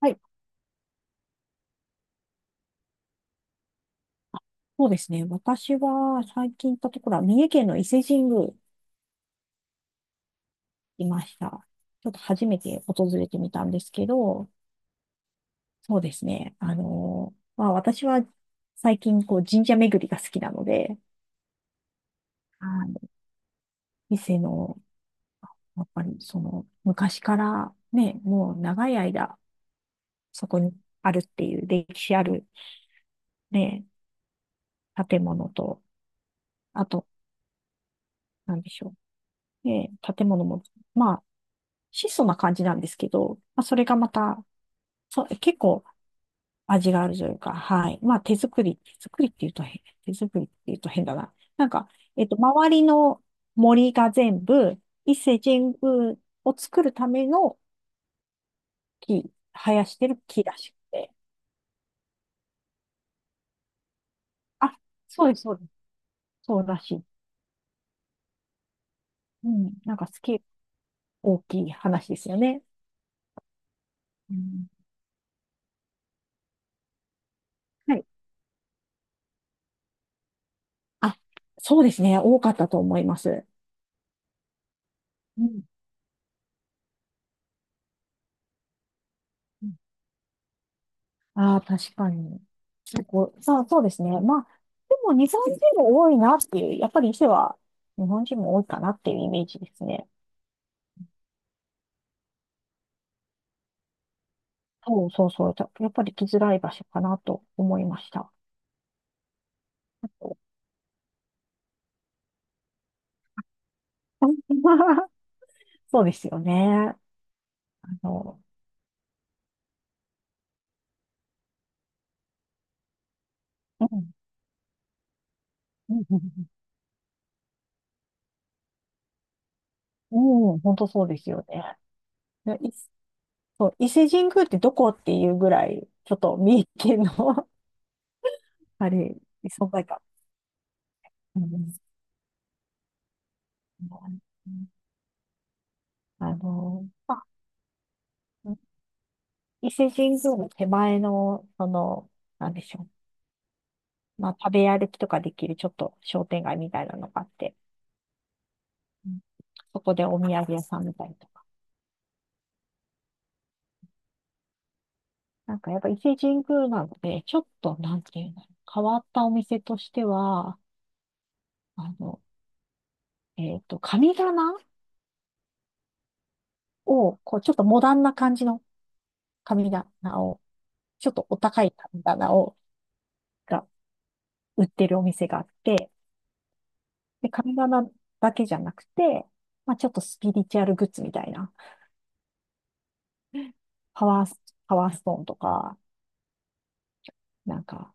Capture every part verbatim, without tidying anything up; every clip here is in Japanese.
はい、そうですね。私は最近行ったところは、三重県の伊勢神宮いました。ちょっと初めて訪れてみたんですけど、そうですね。あのーまあ私は最近こう神社巡りが好きなので、はい、伊勢の、やっぱりその昔からね、もう長い間そこにあるっていう歴史あるね、建物と、あと、なんでしょう。ね、建物も、まあ質素な感じなんですけど、まあ、それがまた、そう、結構味があるというか、はい。まあ、手作り、手作りって言うと変、手作りって言うと変だな。なんか、えっと、周りの森が全部、伊勢神宮を作るための木、生やしてる木らしくて。あ、そうです、そうです。そうらしい。うん。なんか、すき大きい話ですよね。うん、はい。あ、そうですね。多かったと思います。うん。ああ、確かに。結構、さあ、そうですね。まあ、でも日本人も多いなっていう、やっぱり伊勢は日本人も多いかなっていうイメージですね。そうそうそう。たやっぱり来づらい場所かなと思いました。そうですよね。あの、うん、うん、うん本当そうですよね。でいそう、伊勢神宮ってどこっていうぐらい、ちょっと三重県の あれ、存在感。うんあの、まあ伊勢神宮の手前の、その、なんでしょう。まあ、食べ歩きとかできるちょっと商店街みたいなのがあって、うんそこでお土産屋さんみたいとか。なんかやっぱ伊勢神宮なのでね、ちょっと、なんていうの、変わったお店としては、あの、えっと、神棚を、こう、ちょっとモダンな感じの神棚を、ちょっとお高い神棚を、が売ってるお店があって、で、神棚だけじゃなくて、まあ、ちょっとスピリチュアルグッズみたいな。パワース、パワーストーンとか、なんか、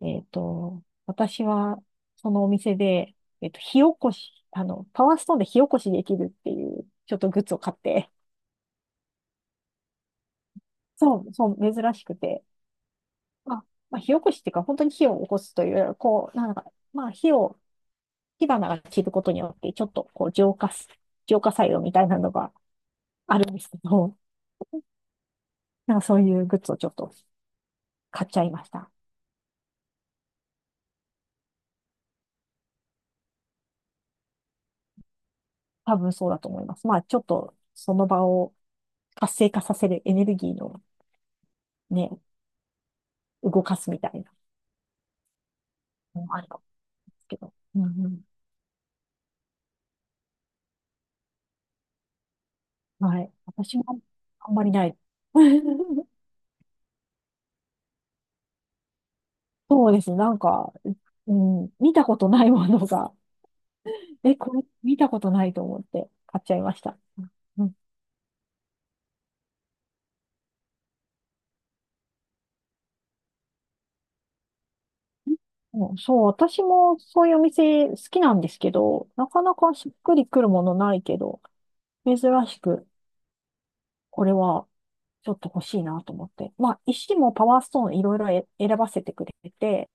えっと、私は、そのお店で、えっと、火起こし、あの、パワーストーンで火起こしできるっていう、ちょっとグッズを買って、そう、そう、珍しくて、まあ、まあ、火起こしっていうか、本当に火を起こすというよりは、こう、なんか、まあ、火を、火花が散ることによって、ちょっと、こう、浄化す、浄化作用みたいなのがあるんですけど、なんかそういうグッズをちょっと買っちゃいました。多分そうだと思います。まあ、ちょっとその場を活性化させるエネルギーのね、動かすみたいなのもあるかもですけど。うんうん。はい。私もあんまりない。そうですね。なんか、うん、見たことないものが、え、これ見たことないと思って買っちゃいました。うん、うんそう、私もそういうお店好きなんですけど、なかなかしっくりくるものないけど、珍しく。これは、ちょっと欲しいなと思って。まあ、石もパワーストーンいろいろえ選ばせてくれて、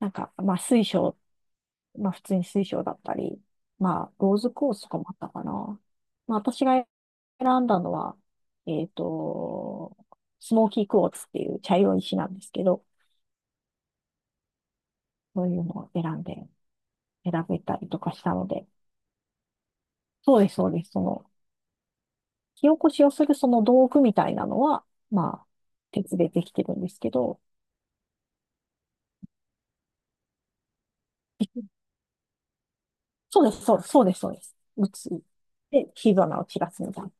なんか、まあ、水晶、まあ、普通に水晶だったり、まあ、ローズコースとかもあったかな。まあ、私が選んだのは、えっと、スモーキークォーツっていう茶色い石なんですけど、そういうのを選んで、選べたりとかしたので、そうです、そうです。その、火起こしをするその道具みたいなのは、まあ、鉄でできてるんですけど、そうです、そうです、そうです、そうです。打つ。で、火花を散らすみたいな。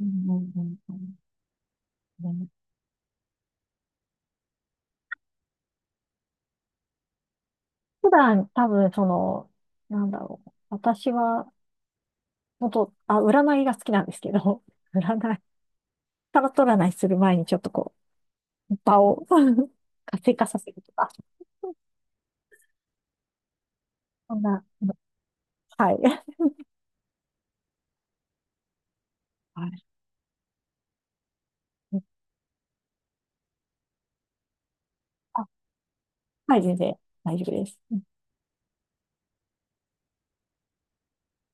うんうんうんうん。ね普段、多分、その、なんだろう。私は、本当、あ、占いが好きなんですけど、占い、タロット占いする前にちょっとこう、場を 活性化させるとか、そんな、はい。はい。あ、はい、全然大丈夫です。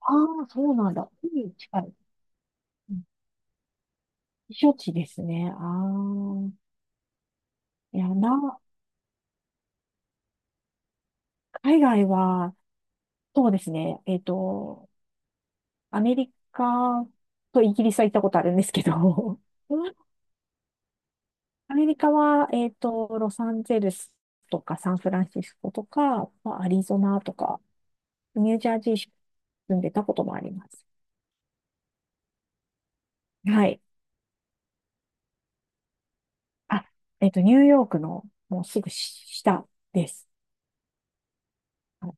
ああー、そうなんだ。海に近い。うん避暑地ですね。ああ。いや、な、海外は、そうですね。えっと、アメリカとイギリスは行ったことあるんですけど、アメリカは、えっと、ロサンゼルスとかサンフランシスコとか、まあアリゾナとか、ニュージャージー州に住んでたこともあります。はい。あ、えっと、ニューヨークのもうすぐ下です。はい、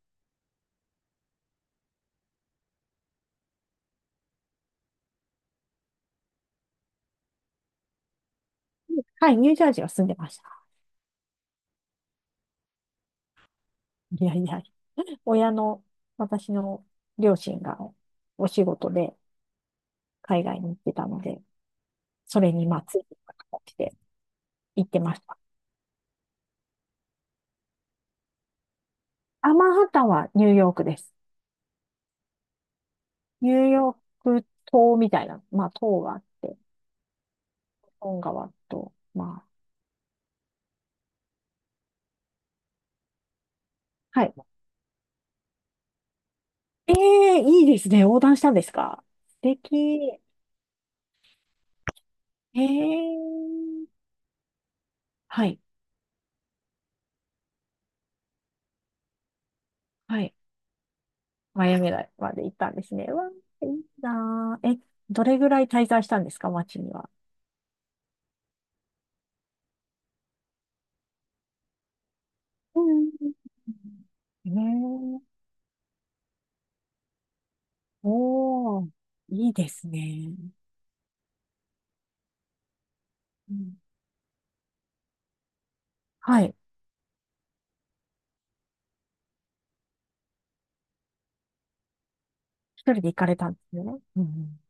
はいニュージャージーは住んでました。いやいや、親の、私の両親がお仕事で海外に行ってたので、それにまあついていく形で。行ってました。アマンハッタンはニューヨークです。ニューヨーク島みたいな、まあ島があって、本川と、まあ、はい。ええいいですね。横断したんですか？素敵。ええはい、はい。マイアミまで行ったんですね。わあ、いいなあ。え、どれぐらい滞在したんですか街には。うんええおー、いいですね。うんはい。一人で行かれたんですよね。うんうん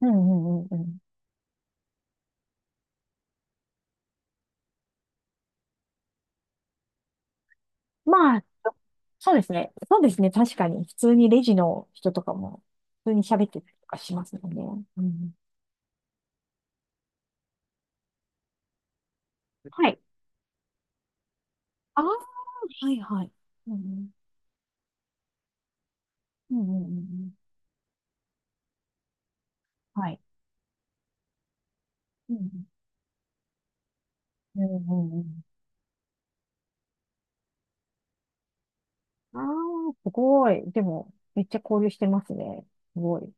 うんうんうんうん。まあ、そうですね。そうですね。確かに。普通にレジの人とかも、普通に喋ってたりとかしますもんね。うん。はい。ああ、はいはい。うん。うんうんうんうん。はい。うん。うんうんうん。ああ、すごい。でも、めっちゃ交流してますね。すごい。う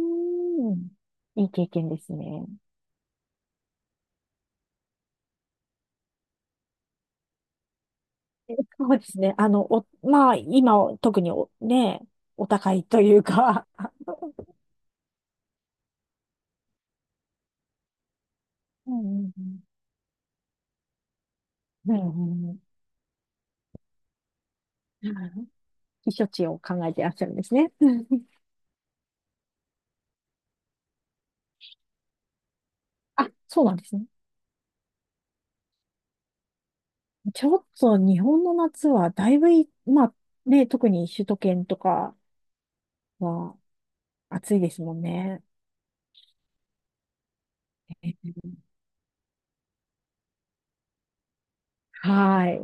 ーん。いい経験ですね。えそうですね。あの、お、まあ、今、特にお、ね、お高いというか。うんうんうん。うんうんうん避暑地を考えていらっしゃるんですね。うんあ、そうなんですね。ちょっと日本の夏はだいぶい、まあね、特に首都圏とかは暑いですもんね。はい。